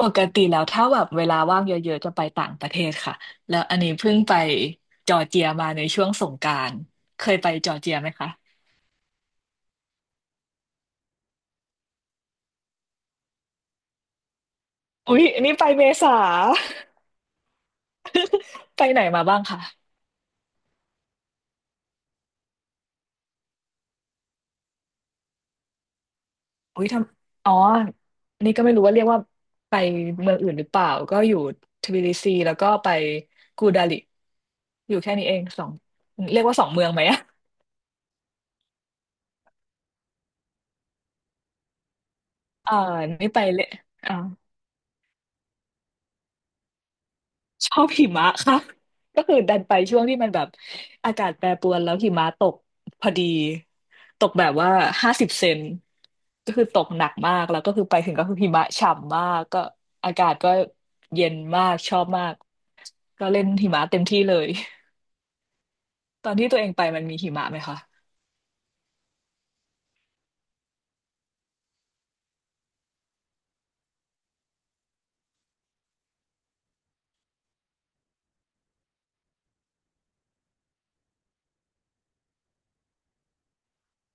ปกติแล้วถ้าแบบเวลาว่างเยอะๆจะไปต่างประเทศค่ะแล้วอันนี้เพิ่งไปจอร์เจียมาในช่วงสงกรานต์เคยไปจอร์เจียไหมคะอุ๊ยอันนี้ไปเมษา ไปไหนมาบ้างคะอุ๊ยทำอ๋ออันนี้ก็ไม่รู้ว่าเรียกว่าไปเมืองอื่นหรือเปล่าก็อยู่ทบิลิซีแล้วก็ไปกูดาลิอยู่แค่นี้เองสองเรียกว่าสองเมืองไหมอะอ่านี่ไปเลย ชอบหิมะค่ะก็คือดันไปช่วงที่มันแบบอากาศแปรปรวนแล้วหิมะตกพอดีตกแบบว่า50 เซนก็คือตกหนักมากแล้วก็คือไปถึงก็คือหิมะฉ่ำมากก็อากาศก็เย็นมากชอบมากก็เล่นหิมะเต็มที่เลยตอนที่ตัวเองไปมันมีหิมะไหมคะ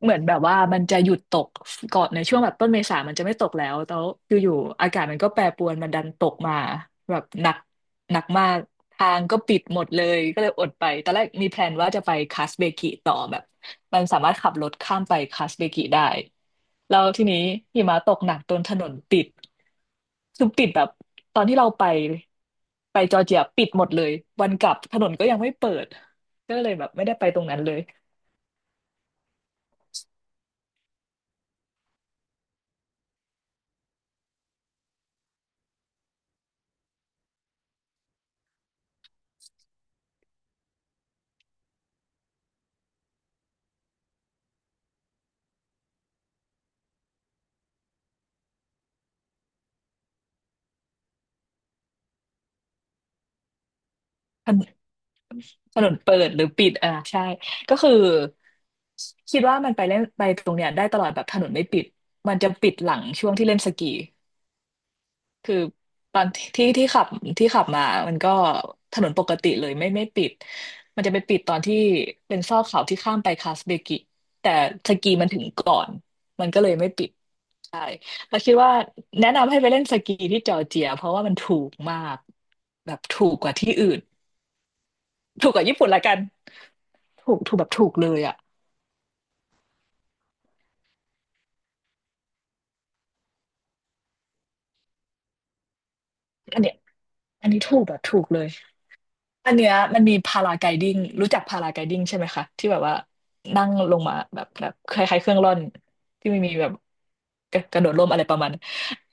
เหมือนแบบว่ามันจะหยุดตกก่อนในช่วงแบบต้นเมษามันจะไม่ตกแล้วอยู่ๆอากาศมันก็แปรปรวนมันดันตกมาแบบหนักหนักมากทางก็ปิดหมดเลยก็เลยอดไปตอนแรกมีแพลนว่าจะไปคัสเบกิต่อแบบมันสามารถขับรถข้ามไปคัสเบกิได้แล้วทีนี้หิมะตกหนักจนถนนปิดคือปิดแบบตอนที่เราไปไปจอร์เจียปิดหมดเลยวันกลับถนนก็ยังไม่เปิดก็เลยแบบไม่ได้ไปตรงนั้นเลย ถนนเปิดหรือปิดอ่าใช่ก็คือคิดว่ามันไปเล่นไปตรงเนี้ยได้ตลอดแบบถนนไม่ปิดมันจะปิดหลังช่วงที่เล่นสกีคือตอนที่ที่ขับที่ขับมามันก็ถนนปกติเลยไม่ปิดมันจะไปปิดตอนที่เป็นซอกเขาที่ข้ามไปคาสเบกิแต่สกีมันถึงก่อนมันก็เลยไม่ปิดใช่แล้วคิดว่าแนะนำให้ไปเล่นสกีที่จอร์เจียเพราะว่ามันถูกมากแบบถูกกว่าที่อื่นถูกกว่าญี่ปุ่นละกันถูกถูกแบบถูกเลยอ่ะ อันเนี้ยอันนี้ถูกแบบถูกเลยอันเนี้ยมันมีพาราไกดิ้งรู้จักพาราไกดิ้งใช่ไหมคะที่แบบว่านั่งลงมาแบบแบบคล้ายๆเครื่องร่อนที่ไม่มีแบบกระโดดร่มอะไรประมาณนั้น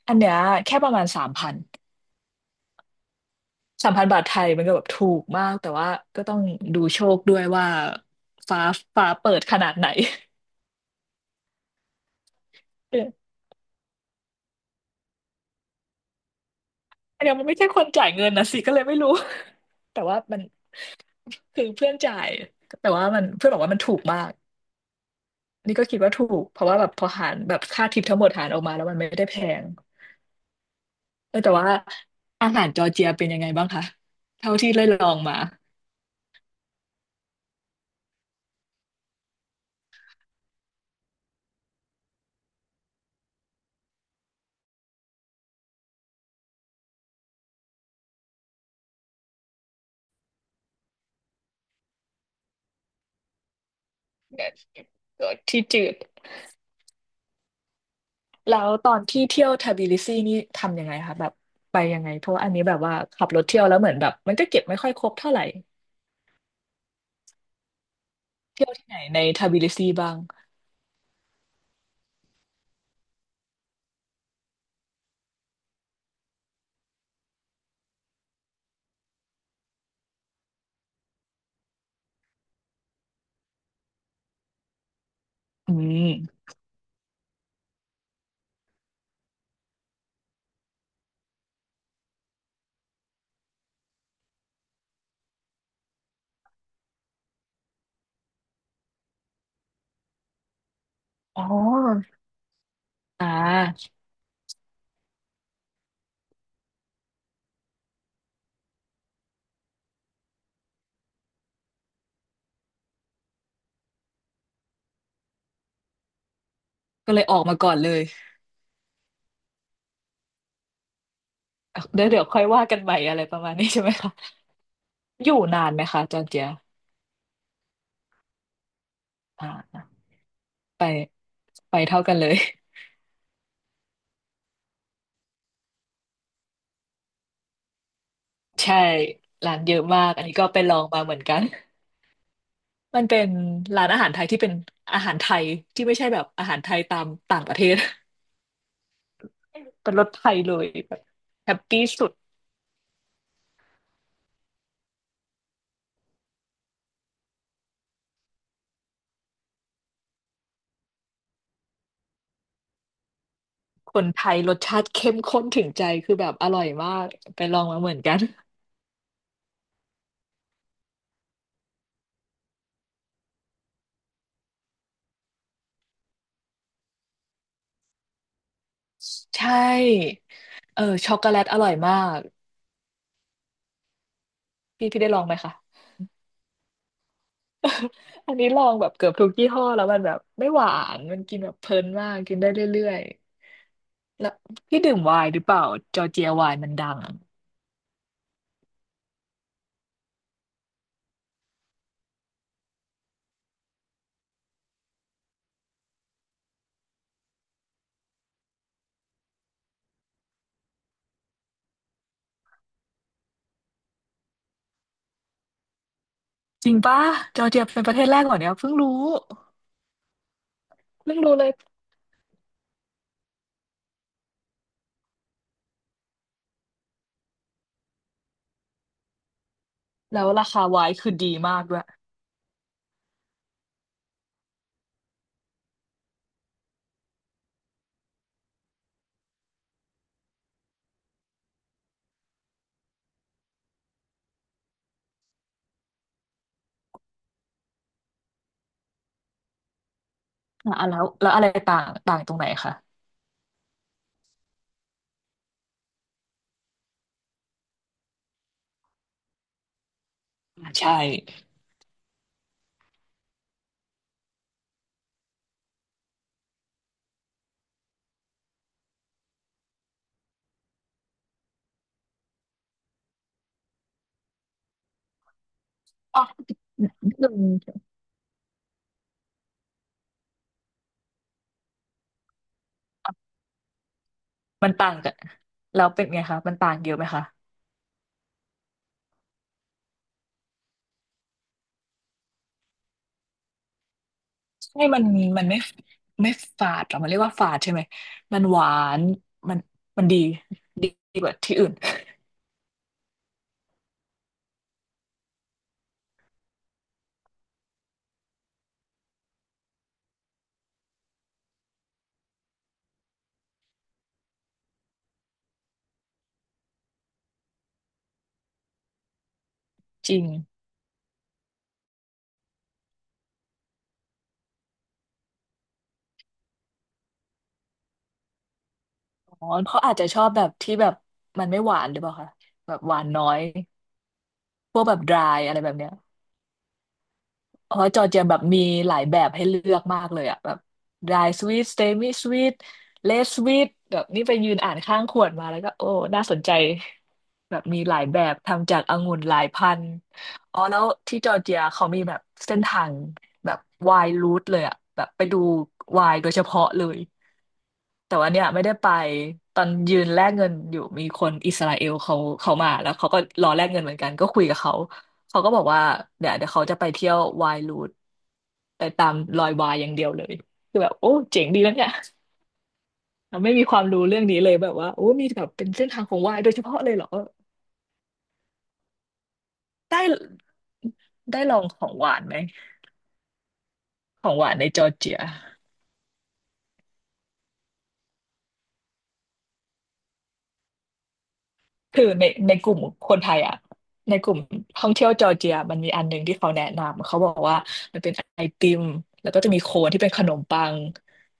อันเนี้ยแค่ประมาณสามพัน3,000 บาทไทยมันก็แบบถูกมากแต่ว่าก็ต้องดูโชคด้วยว่าฟ้าฟ้าเปิดขนาดไหน เอออันเนี้ยมันไม่ใช่คนจ่ายเงินนะสิก็เลยไม่รู้ แต่ว่ามันคือเพื่อนจ่ายแต่ว่ามันเพื่อนบอกว่ามันถูกมาก อันนี้ก็คิดว่าถูกเพราะว่าแบบพอหารแบบค่าทิปทั้งหมดหารออกมาแล้วมันไม่ได้แพงแต่ว่าอาหารจอร์เจียเป็นยังไงบ้างคะเท่าที่ได้ลองมาเนี่ยก็ที่จืดแล้วตอนที่เที่ยวทบิลิซีนี่ทำยังไงคะแบบไปยังไงเพราะว่าอันนี้แบบว่าขับรถเที่ยวแล้วเหมือนแบบมันก็เก็บไม่ค่อยครบเท่าไหร่เที่ยวที่ไหนในทบิลิซีบ้างอืมอ๋ออ่าก็เลยออกมาก่อนเลยเดี๋ยวเดี๋ยวค่อยว่ากันใหม่อะไรประมาณนี้ใช่ไหมคะอยู่นานไหมคะจอร์เจียอ่า ไปเท่ากันเลย ใช่ร้านเยอะมากอันนี้ก็ไปลองมาเหมือนกัน มันเป็นร้านอาหารไทยที่เป็นอาหารไทยที่ไม่ใช่แบบอาหารไทยตามต่างประเทศ เป็นรสไทยเลยแบบแฮปปี้สุดคนไทยรสชาติเข้มข้นถึงใจคือแบบอร่อยมากไปลองมาเหมือนกัน ใช่ช็อกโกแลตอร่อยมากพี่พี่ได้ลองไหมคะ อันนี้ลองแบบเกือบทุกยี่ห้อแล้วมันแบบไม่หวานมันกินแบบเพลินมากกินได้เรื่อย แล้วพี่ดื่มไวน์หรือเปล่าจอร์เจียไวน์มันดังจริงปะจอร์เจียเป็นประเทศแรกเหรอเนี่ยเพิ่งรู้เพิ่งรู้เลยแล้วราคาไวน์คือดีมากด้วยอ่ะแล้วอะไรต่างต่างตรงไหนคะอ่าใช่อ๋อนิดนึงมันต่างกันแล้วเป็นไงคะมันต่างเยอะไหมคะใช่มันไม่ไม่ฝาดหรอมันเรียกว่าฝาดใช่ไหมมันหวานมันมันดีดีกว่าที่อื่นจริงอ๋อเขาอาจจะชอบแบบที่แบบมันไม่หวานหรือเปล่าคะแบบหวานน้อย พวกแบบ dry อะไรแบบเนี้ยเพราะจอร์เจียแบบมีหลายแบบให้เลือกมากเลยอะแบบ dry sweet semi sweet less sweet แบบนี่ไปยืนอ่านข้างขวดมาแล้วก็โอ้ น่าสนใจแบบมีหลายแบบทำจากองุ่นหลายพันธุ์อ๋อแล้วที่จอร์เจียเขามีแบบเส้นทางแบบ wine route เลยอะแบบไปดู wine โดยเฉพาะเลย แต่ว่าเนี่ยไม่ได้ไปตอนยืนแลกเงินอยู่มีคนอิสราเอลเขามาแล้วเขาก็รอแลกเงินเหมือนกันก็คุยกับเขาเขาก็บอกว่าเดี๋ยวเขาจะไปเที่ยววายรูทไปตามรอยวายอย่างเดียวเลยคือแบบโอ้เจ๋งดีแล้วเนี่ยเราไม่มีความรู้เรื่องนี้เลยแบบว่าโอ้มีแบบเป็นเส้นทางของวายโดยเฉพาะเลยเหรอได้ลองของหวานไหมของหวานในจอร์เจีย คือในกลุ่มคนไทยอ่ะในกลุ่มท่องเที่ยวจอร์เจียมันมีอันหนึ่งที่เขาแนะนำเขาบอกว่ามันเป็นไอติมแล้วก็จะมีโคนที่เป็นขนมปัง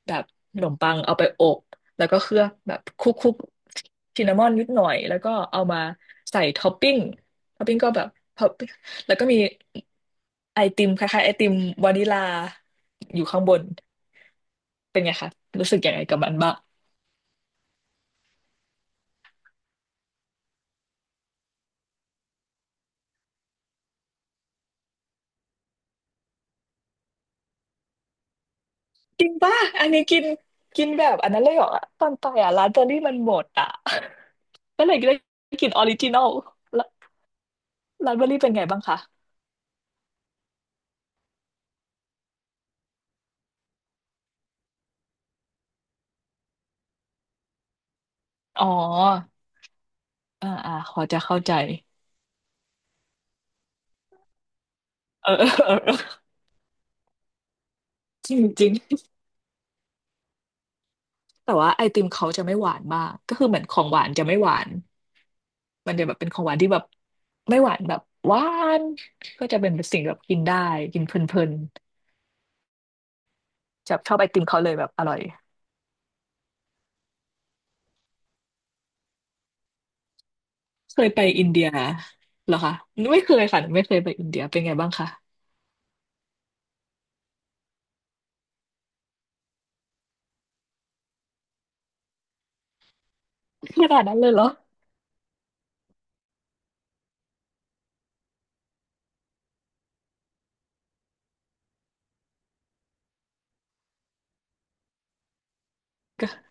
แบบขนมปังเอาไปอบแล้วก็เคลือบแบบคลุกๆซินนามอนนิดหน่อยแล้วก็เอามาใส่ท็อปปิ้งท็อปปิ้งก็แบบท็อปปิ้งแล้วก็มีไอติมคล้ายๆไอติมวานิลาอยู่ข้างบนเป็นไงคะรู้สึกยังไงกับมันบ้าง จริงป่ะอันนี้กินกินแบบอันนั้นเลยเหรอตอนไปอ่ะร้านเบอร์รี่มันหมดอ่ะ ก็เลยได้กินออริจินอลแล้วร้านเบอร์รี่เป็นไงบ้างคะอ๋อพอจะเข้าใจเออ เออเออเออจริงจริงแต่ว่าไอติมเขาจะไม่หวานมากก็คือเหมือนของหวานจะไม่หวานมันจะแบบเป็นของหวานที่แบบไม่หวานแบบหวานก็จะเป็นสิ่งแบบกินได้กินเพลินๆจะชอบไอติมเขาเลยแบบอร่อย เคยไปอินเดียเหรอคะไม่เคยค่ะไม่เคยไปอินเดียเป็นไงบ้างคะขนาดนั้นเลยเหรอก็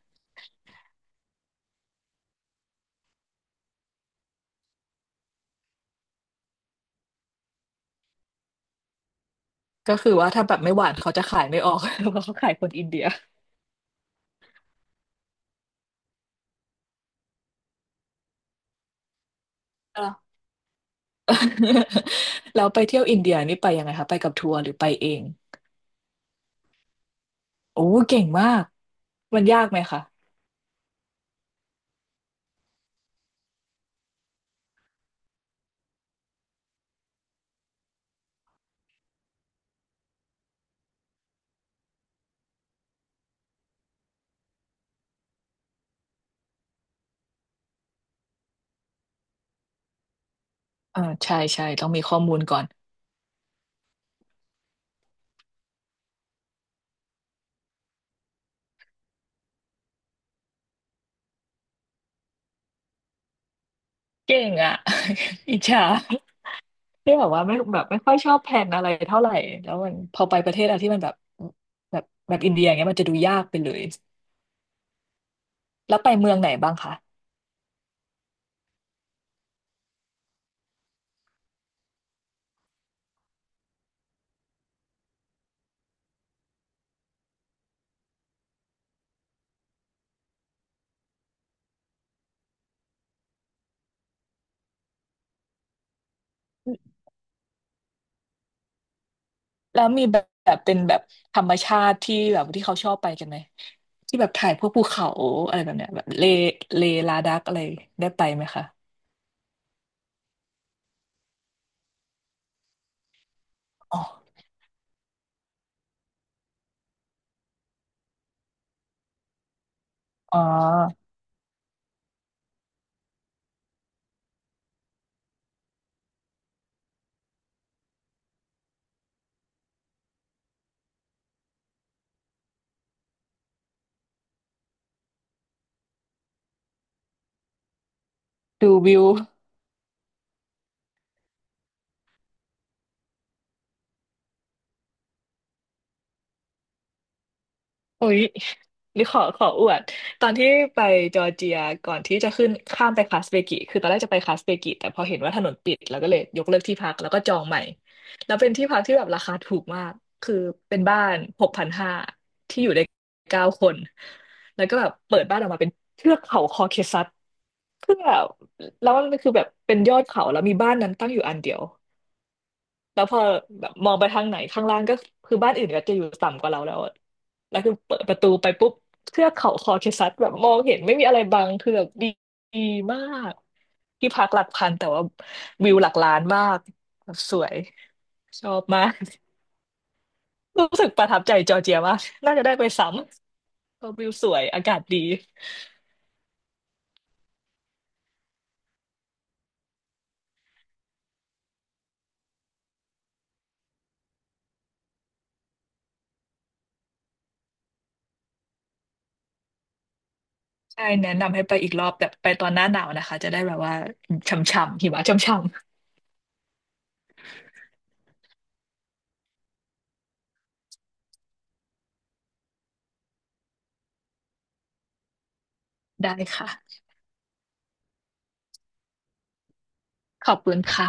ก็คือว่าถ้าแบบไม่หวานเขาจะขายไม่ออก เพราะเขาขายคนอินเดียอ่ะ แล้วไปเที่ยวอินเดียนี่ไปยังไงคะไปกับทัวร์หรือไปเองโอ้เก่งมากมันยากไหมคะอ่าใช่ใช่ต้องมีข้อมูลก่อนเก่งอ่ะ อิจฉาที่แบบว่าไม่แบบไม่ค่อยชอบแพลนอะไรเท่าไหร่แล้วมันพอไปประเทศอะไรที่มันแบบแบบอินเดียอย่างเงี้ยมันจะดูยากไปเลยแล้วไปเมืองไหนบ้างคะ แล้วมีแบบเป็นแบบธรรมชาติที่แบบที่เขาชอบไปกันไหมที่แบบถ่ายพวกภูเขาอะไรแบบเนี้ยแบบเลเลลาดักอะไรได้ไปไหมคะอ๋ออ๋อดูวิว อุ๊ยนี่ขออวดตอนที่ไปจอร์เจียก่อนที่จะขึ้นข้ามไปคาสเปกิคือตอนแรกจะไปคาสเปกิแต่พอเห็นว่าถนนปิดแล้วก็เลยยกเลิกที่พักแล้วก็จองใหม่แล้วเป็นที่พักที่แบบราคาถูกมากคือเป็นบ้าน6,500ที่อยู่ได้9 คนแล้วก็แบบเปิดบ้านออกมาเป็นเทือกเขาคอเคซัสเพื่อแล้วมันคือแบบเป็นยอดเขาแล้วมีบ้านนั้นตั้งอยู่อันเดียว แล้วพอแบบมองไปทางไหนข้างล่างก็คือบ้านอื่นก็จะอยู่ต่ำกว่าเราแล้วอะแล้วคือเปิดประตูไปปุ๊บเทือกเขาคอเคซัสแบบมองเห็นไม่มีอะไรบังคือแบบดีดีมากที่พักหลักพันแต่ว่าวิวหลักล้านมากแบบสวยชอบมาก รู้สึกประทับใจจอร์เจียมากน่าจะได้ไปซ้ำเพราะวิวสวยอากาศดีใช่แนะนำให้ไปอีกรอบแต่ไปตอนหน้าหนาวนะคะจะได้แบบว่าช่ำๆหิมะช่ำๆได้ค่ะขอบคุณค่ะ